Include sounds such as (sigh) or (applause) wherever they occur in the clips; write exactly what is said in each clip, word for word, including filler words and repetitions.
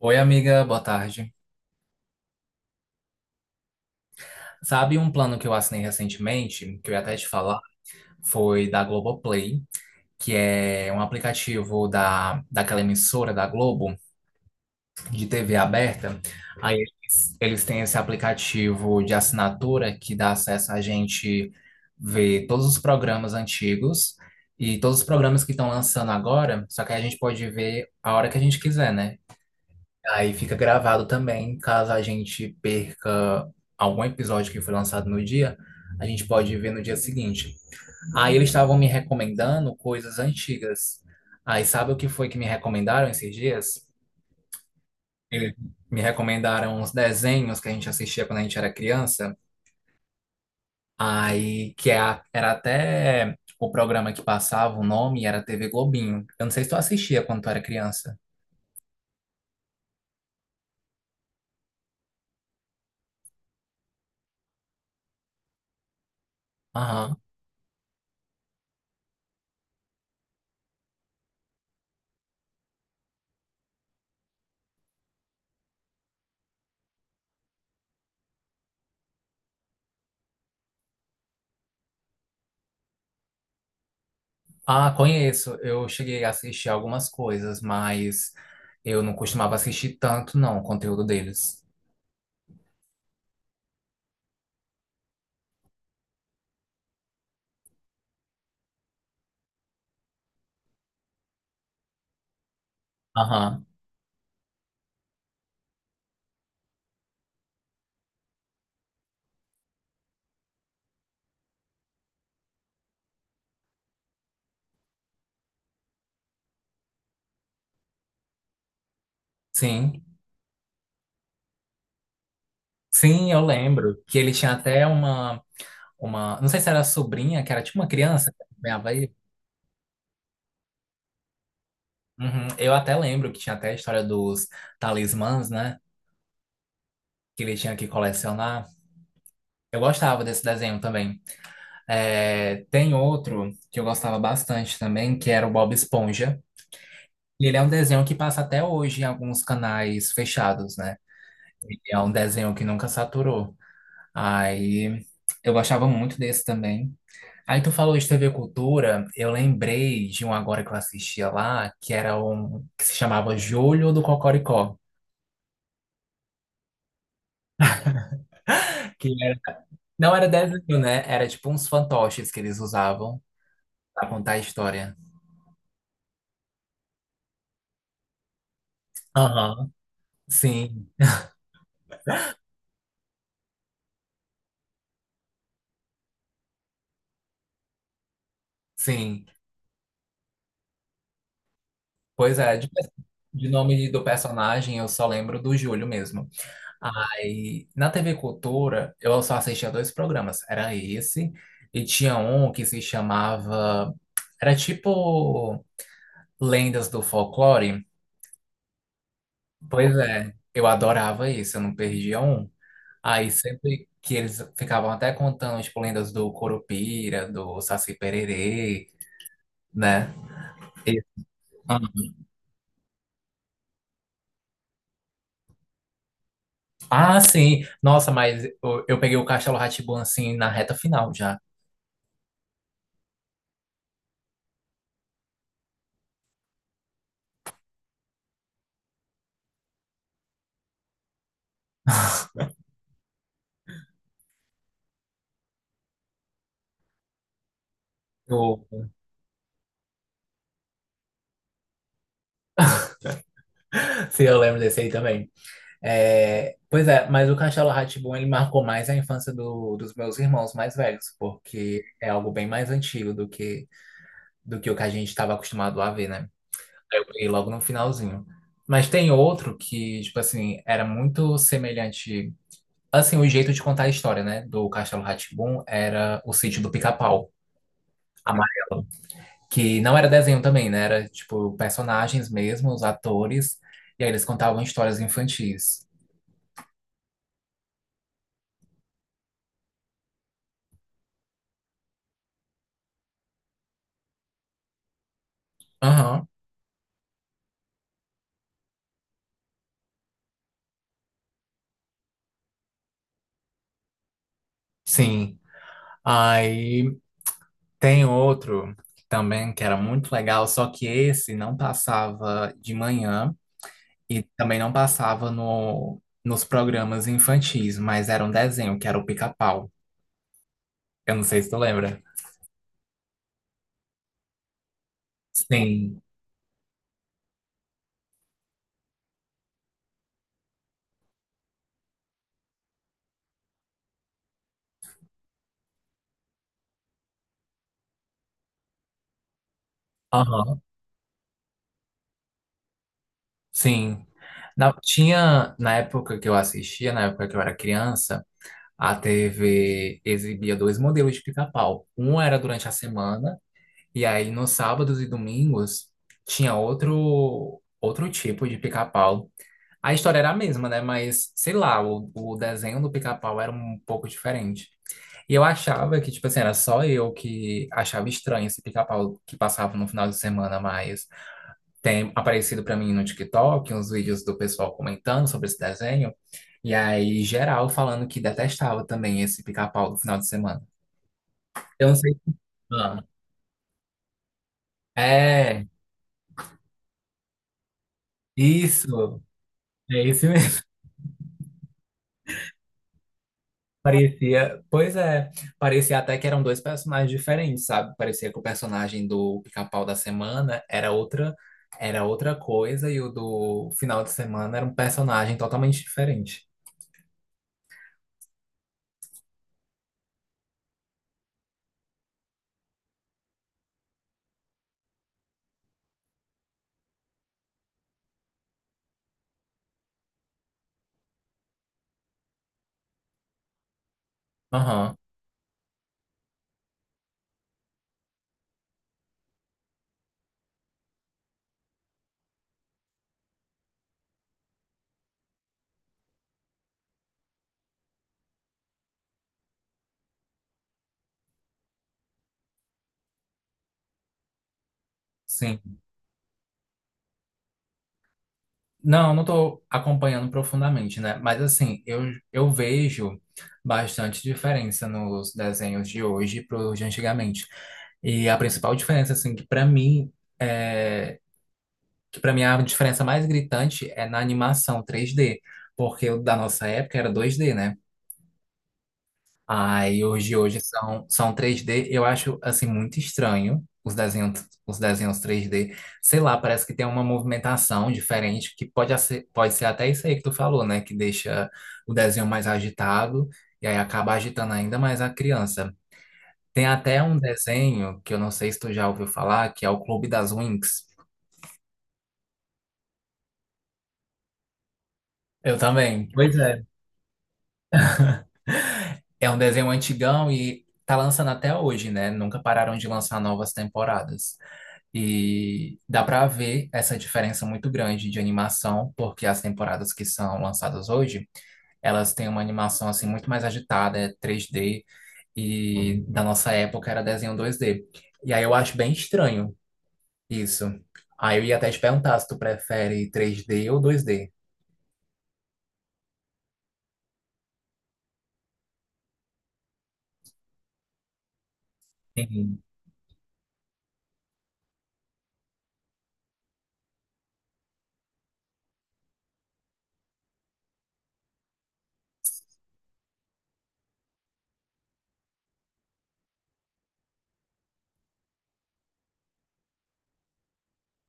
Oi, amiga, boa tarde. Sabe um plano que eu assinei recentemente, que eu ia até te falar, foi da Globoplay, que é um aplicativo da, daquela emissora da Globo, de T V aberta. Aí eles, eles têm esse aplicativo de assinatura que dá acesso a gente ver todos os programas antigos e todos os programas que estão lançando agora, só que aí a gente pode ver a hora que a gente quiser, né? Aí fica gravado também, caso a gente perca algum episódio que foi lançado no dia, a gente pode ver no dia seguinte. Aí eles estavam me recomendando coisas antigas. Aí sabe o que foi que me recomendaram esses dias? Eles me recomendaram uns desenhos que a gente assistia quando a gente era criança. Aí que é a- era até o programa que passava, o nome era T V Globinho. Eu não sei se tu assistia quando tu era criança. Aham. Ah, conheço. Eu cheguei a assistir algumas coisas, mas eu não costumava assistir tanto, não, o conteúdo deles. Aham. Sim. Sim, eu lembro que ele tinha até uma, uma, não sei se era sobrinha, que era tipo uma criança que acompanhava ele. Uhum. Eu até lembro que tinha até a história dos talismãs, né? Que ele tinha que colecionar. Eu gostava desse desenho também. É, tem outro que eu gostava bastante também, que era o Bob Esponja. E ele é um desenho que passa até hoje em alguns canais fechados, né? Ele é um desenho que nunca saturou. Aí eu gostava muito desse também. Aí tu falou de T V Cultura, eu lembrei de um agora que eu assistia lá, que era um que se chamava Júlio do Cocoricó, que era- não era desenho, né? Era tipo uns fantoches que eles usavam pra contar a história. Aham. Sim, sim. Pois é, de, de nome do personagem eu só lembro do Júlio mesmo. Aí, na T V Cultura, eu só assistia dois programas. Era esse, e tinha um que se chamava. Era tipo Lendas do Folclore. Pois é, eu adorava isso, eu não perdia um. Aí, sempre que eles ficavam até contando, tipo, lendas do Curupira, do Saci Pererê, né? E- Ah, sim. Nossa, mas eu, eu peguei o Castelo Rá assim na reta final já. Eu, (laughs) se eu lembro desse aí também. É, pois é, mas o Castelo Rá Tim ele marcou mais a infância do- dos meus irmãos mais velhos, porque é algo bem mais antigo do que, do que o que a gente estava acostumado a ver, né? Eu peguei logo no finalzinho. Mas tem outro que, tipo assim, era muito semelhante. Assim, o jeito de contar a história, né? Do Castelo Rá Tim era o sítio do Pica-Pau amarelo. Que não era desenho também, né? Era, tipo, personagens mesmo, os atores, e aí eles contavam histórias infantis. Aham, sim. Aí tem outro também que era muito legal, só que esse não passava de manhã e também não passava no, nos programas infantis, mas era um desenho que era o Pica-Pau. Eu não sei se tu lembra. Sim. Aham. Sim. Na, tinha, na época que eu assistia, na época que eu era criança, a T V exibia dois modelos de pica-pau. Um era durante a semana. E aí, nos sábados e domingos, tinha outro, outro tipo de pica-pau. A história era a mesma, né? Mas, sei lá, o, o desenho do pica-pau era um pouco diferente. E eu achava que, tipo assim, era só eu que achava estranho esse pica-pau que passava no final de semana, mas tem aparecido pra mim no TikTok uns vídeos do pessoal comentando sobre esse desenho. E aí, geral, falando que detestava também esse pica-pau do final de semana. Eu não sei. Ah, é, isso. É isso mesmo. Parecia, pois é, parecia até que eram dois personagens diferentes, sabe? Parecia que o personagem do Pica-Pau da semana era outra, era outra coisa e o do final de semana era um personagem totalmente diferente. Aham, sim. Não, não tô acompanhando profundamente, né? Mas assim, eu, eu vejo bastante diferença nos desenhos de hoje para os de antigamente. E a principal diferença, assim, que para mim é, que para mim a diferença mais gritante é na animação três D, porque o da nossa época era dois D, né? Aí hoje hoje são são três D, eu acho assim muito estranho os desenhos os desenhos três D, sei lá, parece que tem uma movimentação diferente que pode ser, pode ser até isso aí que tu falou, né, que deixa o desenho mais agitado e aí acaba agitando ainda mais a criança. Tem até um desenho que eu não sei se tu já ouviu falar, que é o Clube das Winx. Eu também. Pois é. É um desenho antigão e tá lançando até hoje, né? Nunca pararam de lançar novas temporadas. E dá pra ver essa diferença muito grande de animação, porque as temporadas que são lançadas hoje, elas têm uma animação assim muito mais agitada, é três D, e da nossa época era desenho dois D. E aí eu acho bem estranho isso. Aí eu ia até te perguntar se tu prefere três D ou dois D. Sim.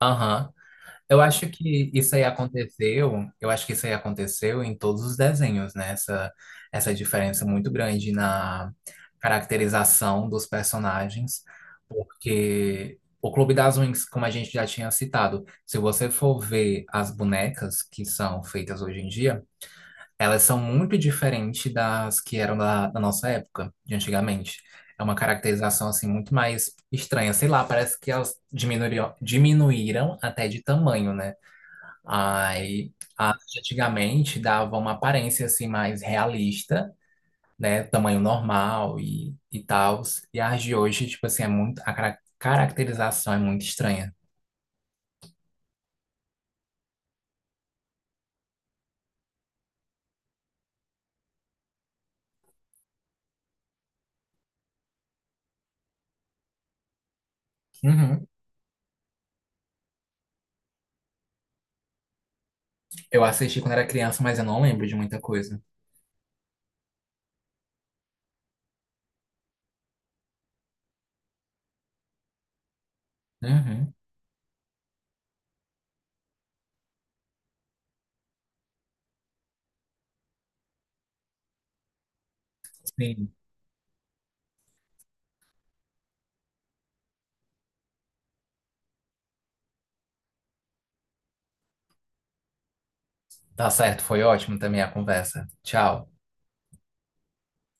Aham. Eu acho que isso aí aconteceu, eu acho que isso aí aconteceu em todos os desenhos, né? Essa, essa diferença muito grande na caracterização dos personagens, porque o Clube das Winx, como a gente já tinha citado, se você for ver as bonecas que são feitas hoje em dia, elas são muito diferentes das que eram da, da nossa época, de antigamente. É uma caracterização assim muito mais estranha, sei lá, parece que elas diminuíram, diminuíram até de tamanho, né? Aí, a- arte antigamente dava uma aparência assim mais realista, né, tamanho normal e e tal. E as de hoje, tipo assim, é muito a cara- caracterização é muito estranha. Uhum. Eu assisti quando era criança, mas eu não lembro de muita coisa. Uhum. Sim. Tá certo, foi ótimo também a conversa. Tchau.